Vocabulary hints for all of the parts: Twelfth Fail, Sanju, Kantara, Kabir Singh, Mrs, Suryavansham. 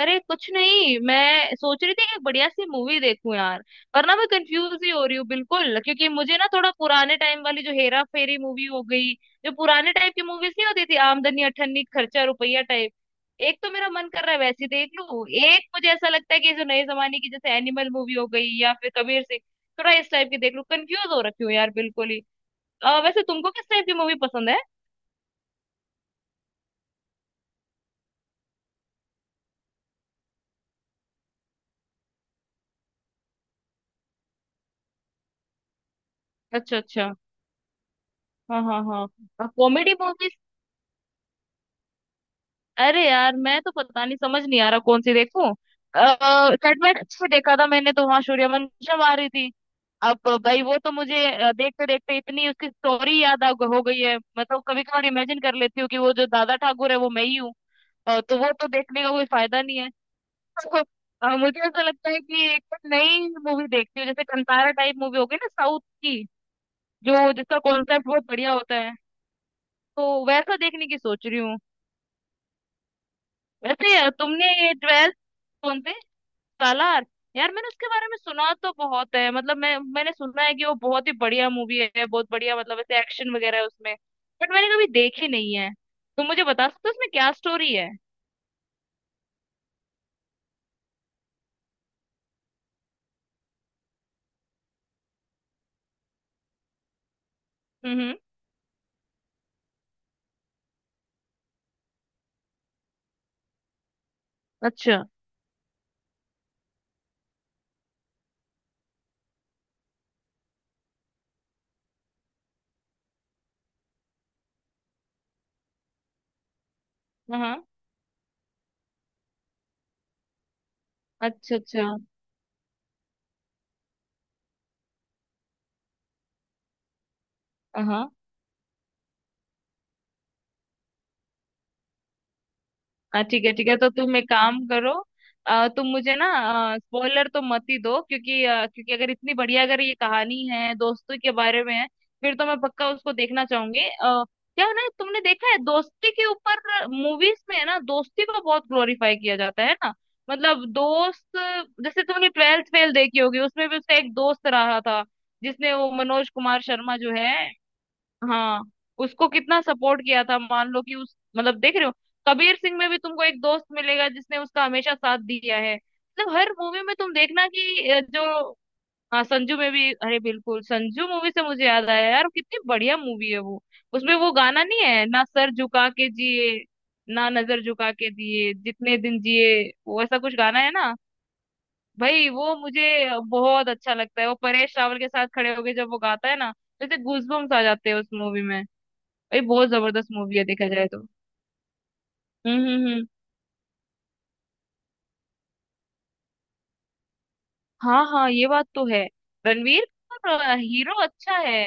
अरे कुछ नहीं, मैं सोच रही थी एक बढ़िया सी मूवी देखूं यार। वरना मैं कंफ्यूज ही हो रही हूँ बिल्कुल, क्योंकि मुझे ना थोड़ा पुराने टाइम वाली जो हेरा फेरी मूवी हो गई, जो पुराने टाइप की मूवीज नहीं होती थी, आमदनी अठन्नी खर्चा रुपया टाइप। एक तो मेरा मन कर रहा है वैसी देख लूं, एक मुझे ऐसा लगता है कि जो नए जमाने की जैसे एनिमल मूवी हो गई या फिर कबीर सिंह, थोड़ा इस टाइप की देख लूं। कंफ्यूज हो रखी हूँ यार बिल्कुल ही। वैसे तुमको किस टाइप की मूवी पसंद है? अच्छा अच्छा। हाँ हाँ हाँ, कॉमेडी मूवीज। अरे यार, मैं तो पता नहीं, समझ नहीं आ रहा कौन सी देखूं। सेटमेंट में देखा था मैंने, तो वहां सूर्यवंशम आ रही थी अब। भाई वो तो मुझे देखते देखते इतनी उसकी स्टोरी याद आ हो गई है, मतलब कभी कभार इमेजिन कर लेती हूँ कि वो जो दादा ठाकुर है वो मैं ही हूँ। तो वो तो देखने का कोई फायदा नहीं है। मुझे ऐसा लगता है कि एक तो नई मूवी देखती हूँ, जैसे कंतारा टाइप मूवी हो गई ना साउथ की, जो जिसका कॉन्सेप्ट बहुत बढ़िया होता है, तो वैसा देखने की सोच रही हूँ। वैसे तुमने ये ट्वेल्थ, कौन से सालार? यार मैंने उसके बारे में सुना तो बहुत है, मतलब मैंने सुना है कि वो बहुत ही बढ़िया मूवी है, बहुत बढ़िया, मतलब ऐसे एक्शन वगैरह है उसमें। बट मैंने कभी देखी नहीं है। तो मुझे बता सकते हो उसमें क्या स्टोरी है? हम्म हम्म, अच्छा। हाँ हाँ, अच्छा अच्छा। हाँ हाँ, ठीक है ठीक है, तो तुम एक काम करो। तुम मुझे ना स्पॉइलर तो मत ही दो, क्योंकि क्योंकि अगर इतनी बढ़िया, अगर ये कहानी है दोस्तों के बारे में है, फिर तो मैं पक्का उसको देखना चाहूंगी। क्या है ना, तुमने देखा है दोस्ती के ऊपर मूवीज में है ना, दोस्ती को बहुत ग्लोरीफाई किया जाता है ना, मतलब दोस्त। जैसे तुमने ट्वेल्थ फेल देखी होगी, उसमें भी उसका एक दोस्त रहा था, जिसने वो मनोज कुमार शर्मा जो है, हाँ, उसको कितना सपोर्ट किया था, मान लो कि उस मतलब देख रहे हो। कबीर सिंह में भी तुमको एक दोस्त मिलेगा जिसने उसका हमेशा साथ दिया है, मतलब हर मूवी में तुम देखना कि जो, हाँ संजू में भी, अरे बिल्कुल, संजू मूवी से मुझे याद आया यार, कितनी बढ़िया मूवी है वो। उसमें वो गाना नहीं है ना, सर झुका के जिए ना नजर झुका के, दिए जितने दिन जिए, वो ऐसा कुछ गाना है ना। भाई वो मुझे बहुत अच्छा लगता है, वो परेश रावल के साथ खड़े होके जब वो गाता है ना, जैसे गूजबम्स आ जाते हैं उस मूवी में। भाई बहुत जबरदस्त मूवी है देखा जाए तो। हम्म। हाँ हाँ, ये बात तो है। रणवीर का हीरो अच्छा है।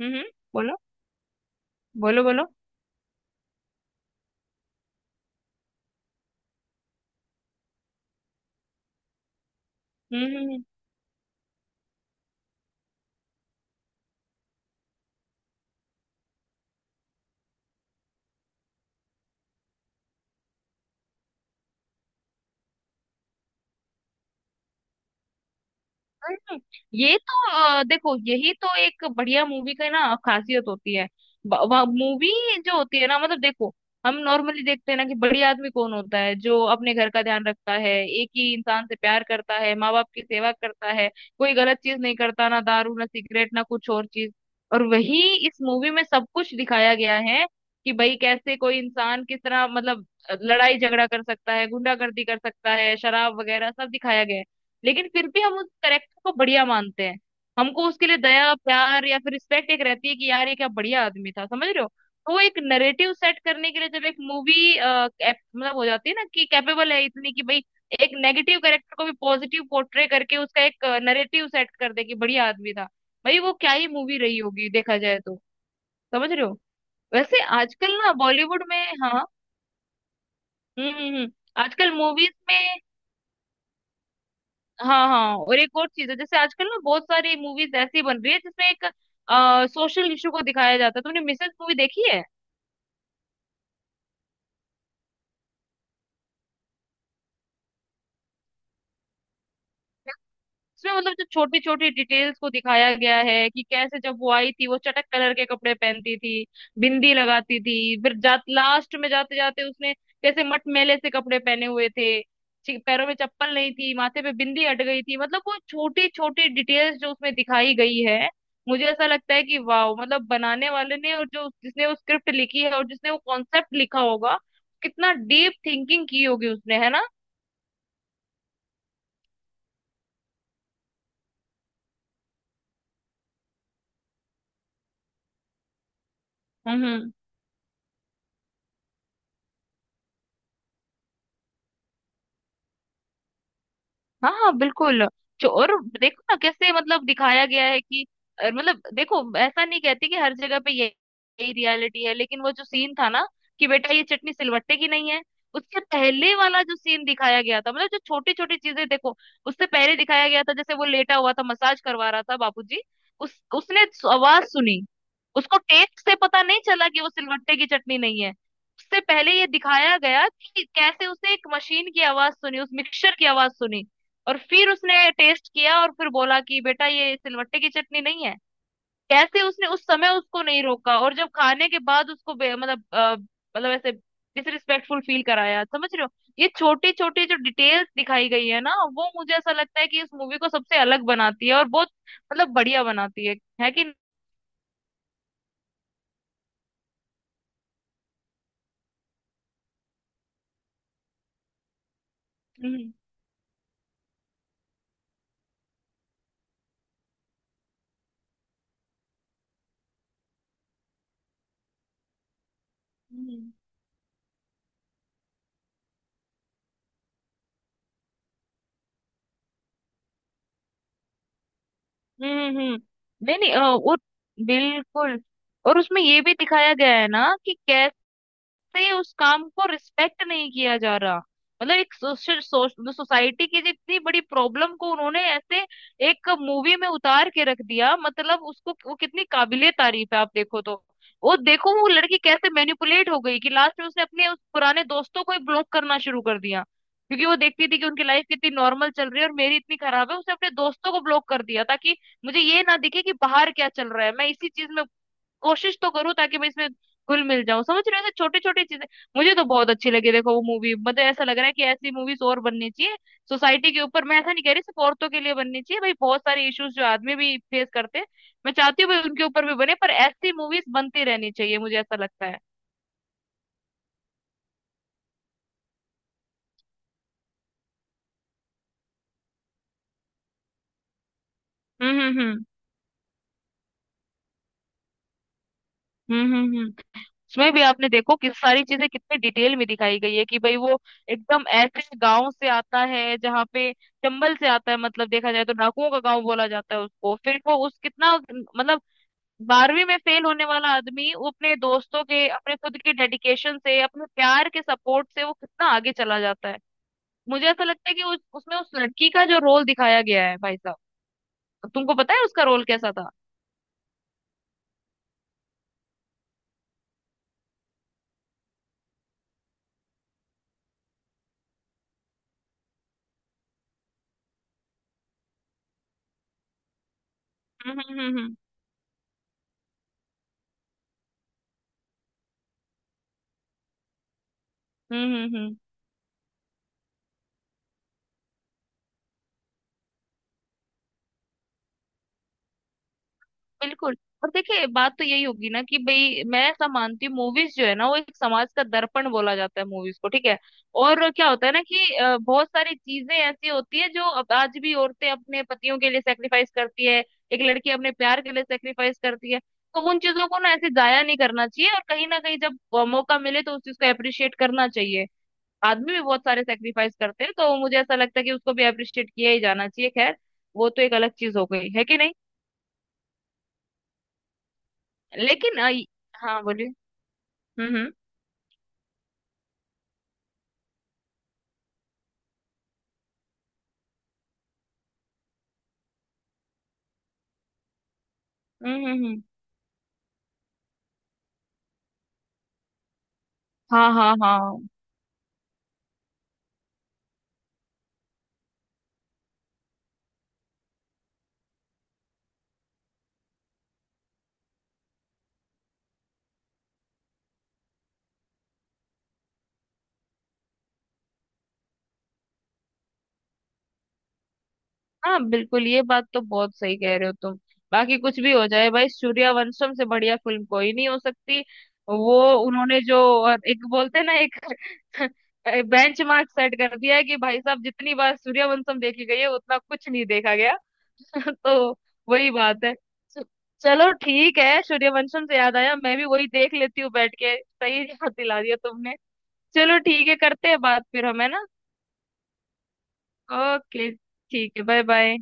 हम्म। बोलो बोलो बोलो हम्म हम्म हम्म। हम्म, ये तो देखो, यही तो एक बढ़िया मूवी का ना खासियत होती है। मूवी जो होती है ना, मतलब देखो, हम नॉर्मली देखते हैं ना कि बड़ी आदमी कौन होता है, जो अपने घर का ध्यान रखता है, एक ही इंसान से प्यार करता है, माँ बाप की सेवा करता है, कोई गलत चीज नहीं करता, ना दारू ना सिगरेट ना कुछ और चीज। और वही इस मूवी में सब कुछ दिखाया गया है, कि भाई कैसे कोई इंसान किस तरह मतलब लड़ाई झगड़ा कर सकता है, गुंडागर्दी कर सकता है, शराब वगैरह सब दिखाया गया है। लेकिन फिर भी हम उस करेक्टर को बढ़िया मानते हैं। हमको उसके लिए दया, प्यार या फिर रिस्पेक्ट एक रहती है, कि यार ये क्या बढ़िया आदमी था, समझ रहे हो। तो वो एक नरेटिव सेट करने के लिए जब एक मूवी मतलब हो जाती है ना कि कैपेबल है इतनी कि भाई एक नेगेटिव कैरेक्टर को भी पॉजिटिव पोर्ट्रे करके उसका एक नरेटिव सेट कर दे कि बढ़िया आदमी था, भाई वो क्या ही मूवी रही होगी देखा जाए तो। समझ रहे हो, वैसे आजकल ना बॉलीवुड में, हाँ, हम्म हम्म हम्म, आजकल मूवीज में, हाँ हाँ, और एक और चीज है, जैसे आजकल ना बहुत सारी मूवीज ऐसी बन रही है जिसमें एक सोशल इशू को दिखाया जाता है। तुमने मिसेस मूवी देखी है? इसमें मतलब जो छोटी छोटी डिटेल्स को दिखाया गया है, कि कैसे जब वो आई थी वो चटक कलर के कपड़े पहनती थी, बिंदी लगाती थी, फिर लास्ट में जाते जाते उसने कैसे मटमैले से कपड़े पहने हुए थे, पैरों में चप्पल नहीं थी, माथे पे बिंदी अट गई थी, मतलब वो छोटी छोटी डिटेल्स जो उसमें दिखाई गई है। मुझे ऐसा लगता है कि वाह, मतलब बनाने वाले ने और जो जिसने वो स्क्रिप्ट लिखी है और जिसने वो कॉन्सेप्ट लिखा होगा, कितना डीप थिंकिंग की होगी उसने, है ना। हम्म, हाँ हाँ बिल्कुल। जो और देखो ना कैसे मतलब दिखाया गया है कि मतलब देखो, ऐसा नहीं कहती कि हर जगह पे ये यही रियलिटी है, लेकिन वो जो सीन था ना कि बेटा ये चटनी सिलवट्टे की नहीं है, उसके पहले वाला जो सीन दिखाया गया था, मतलब जो छोटी छोटी चीजें देखो, उससे पहले दिखाया गया था जैसे वो लेटा हुआ था, मसाज करवा रहा था बाबूजी, उस उसने आवाज सुनी, उसको टेस्ट से पता नहीं चला कि वो सिलवट्टे की चटनी नहीं है। उससे पहले ये दिखाया गया कि कैसे उसे एक मशीन की आवाज सुनी, उस मिक्सचर की आवाज सुनी, और फिर उसने टेस्ट किया और फिर बोला कि बेटा ये सिलवट्टे की चटनी नहीं है। कैसे उसने उस समय उसको नहीं रोका, और जब खाने के बाद उसको मतलब ऐसे डिसरिस्पेक्टफुल फील कराया, समझ रहे हो। ये छोटी छोटी जो डिटेल्स दिखाई गई है ना, वो मुझे ऐसा लगता है कि इस मूवी को सबसे अलग बनाती है और बहुत मतलब बढ़िया बनाती है कि नहीं। हम्म हम्म हम्म, हम्म। नहीं नहीं, वो बिल्कुल। और उसमें ये भी दिखाया गया है ना कि कैसे से उस काम को रिस्पेक्ट नहीं किया जा रहा, मतलब एक सोशल सोसाइटी की जितनी बड़ी प्रॉब्लम को उन्होंने ऐसे एक मूवी में उतार के रख दिया, मतलब उसको, वो कितनी काबिले तारीफ है आप देखो तो। वो देखो वो लड़की कैसे मैनिपुलेट हो गई कि लास्ट में उसने अपने उस पुराने दोस्तों को ही ब्लॉक करना शुरू कर दिया, क्योंकि वो देखती थी कि उनकी लाइफ कितनी नॉर्मल चल रही है और मेरी इतनी खराब है। उसने अपने दोस्तों को ब्लॉक कर दिया ताकि मुझे ये ना दिखे कि बाहर क्या चल रहा है, मैं इसी चीज में कोशिश तो करूँ ताकि मैं इसमें घुल मिल जाऊं, समझ रहे हो, ऐसे छोटी छोटी चीजें मुझे तो बहुत अच्छी लगी। देखो वो मूवी, मतलब ऐसा लग रहा है कि ऐसी मूवीज और बननी चाहिए, सोसाइटी के ऊपर। मैं ऐसा नहीं कह रही सिर्फ औरतों के लिए बननी चाहिए भाई, बहुत सारे इश्यूज जो आदमी भी फेस करते हैं, मैं चाहती हूँ भाई उनके ऊपर भी बने, पर ऐसी मूवीज बनती रहनी चाहिए, मुझे ऐसा लगता है। हम्म हम्म हम्म हम्म हम्म हम्म। उसमें भी आपने देखो कि सारी चीजें कितने डिटेल में दिखाई गई है, कि भाई वो एकदम ऐसे गांव से आता है जहाँ पे, चंबल से आता है, मतलब देखा जाए तो डाकुओं का गांव बोला जाता है उसको, फिर वो उस कितना मतलब 12वीं में फेल होने वाला आदमी वो अपने दोस्तों के, अपने खुद के डेडिकेशन से, अपने प्यार के सपोर्ट से वो कितना आगे चला जाता है। मुझे ऐसा लगता है कि उसमें उस लड़की का जो रोल दिखाया गया है भाई साहब, तुमको पता है उसका रोल कैसा था? हम्म हम्म हम्म हम्म हम्म हम्म हम्म। बिल्कुल। और देखिए बात तो यही होगी ना कि भाई मैं ऐसा मानती हूँ, मूवीज जो है ना वो एक समाज का दर्पण बोला जाता है मूवीज को, ठीक है। और क्या होता है ना कि बहुत सारी चीजें ऐसी होती है जो अब आज भी औरतें अपने पतियों के लिए सेक्रीफाइस करती है, एक लड़की अपने प्यार के लिए सेक्रीफाइस करती है, तो उन चीजों को ना ऐसे जाया नहीं करना चाहिए, और कहीं ना कहीं जब मौका मिले तो उस चीज को अप्रिशिएट करना चाहिए। आदमी भी बहुत सारे सेक्रीफाइस करते हैं, तो मुझे ऐसा लगता है कि उसको भी अप्रिशिएट किया ही जाना चाहिए, खैर वो तो एक अलग चीज हो गई है, कि नहीं। लेकिन हाँ बोलिए। हम्म हम्म हम्म हम्म हम्म। हाँ हाँ हाँ, हाँ बिल्कुल, ये बात तो बहुत सही कह रहे हो तुम। बाकी कुछ भी हो जाए भाई, सूर्यवंशम से बढ़िया फिल्म कोई नहीं हो सकती। वो उन्होंने जो, और एक बोलते हैं ना एक, बेंच मार्क सेट कर दिया है कि भाई साहब जितनी बार सूर्यवंशम देखी गई है उतना कुछ नहीं देखा गया। तो वही बात है। चलो ठीक है, सूर्यवंशम से याद आया, मैं भी वही देख लेती हूँ बैठ के, सही याद दिला दिया तुमने। चलो ठीक है, करते हैं बात फिर हम, है ना। ओके, ठीक है, बाय बाय।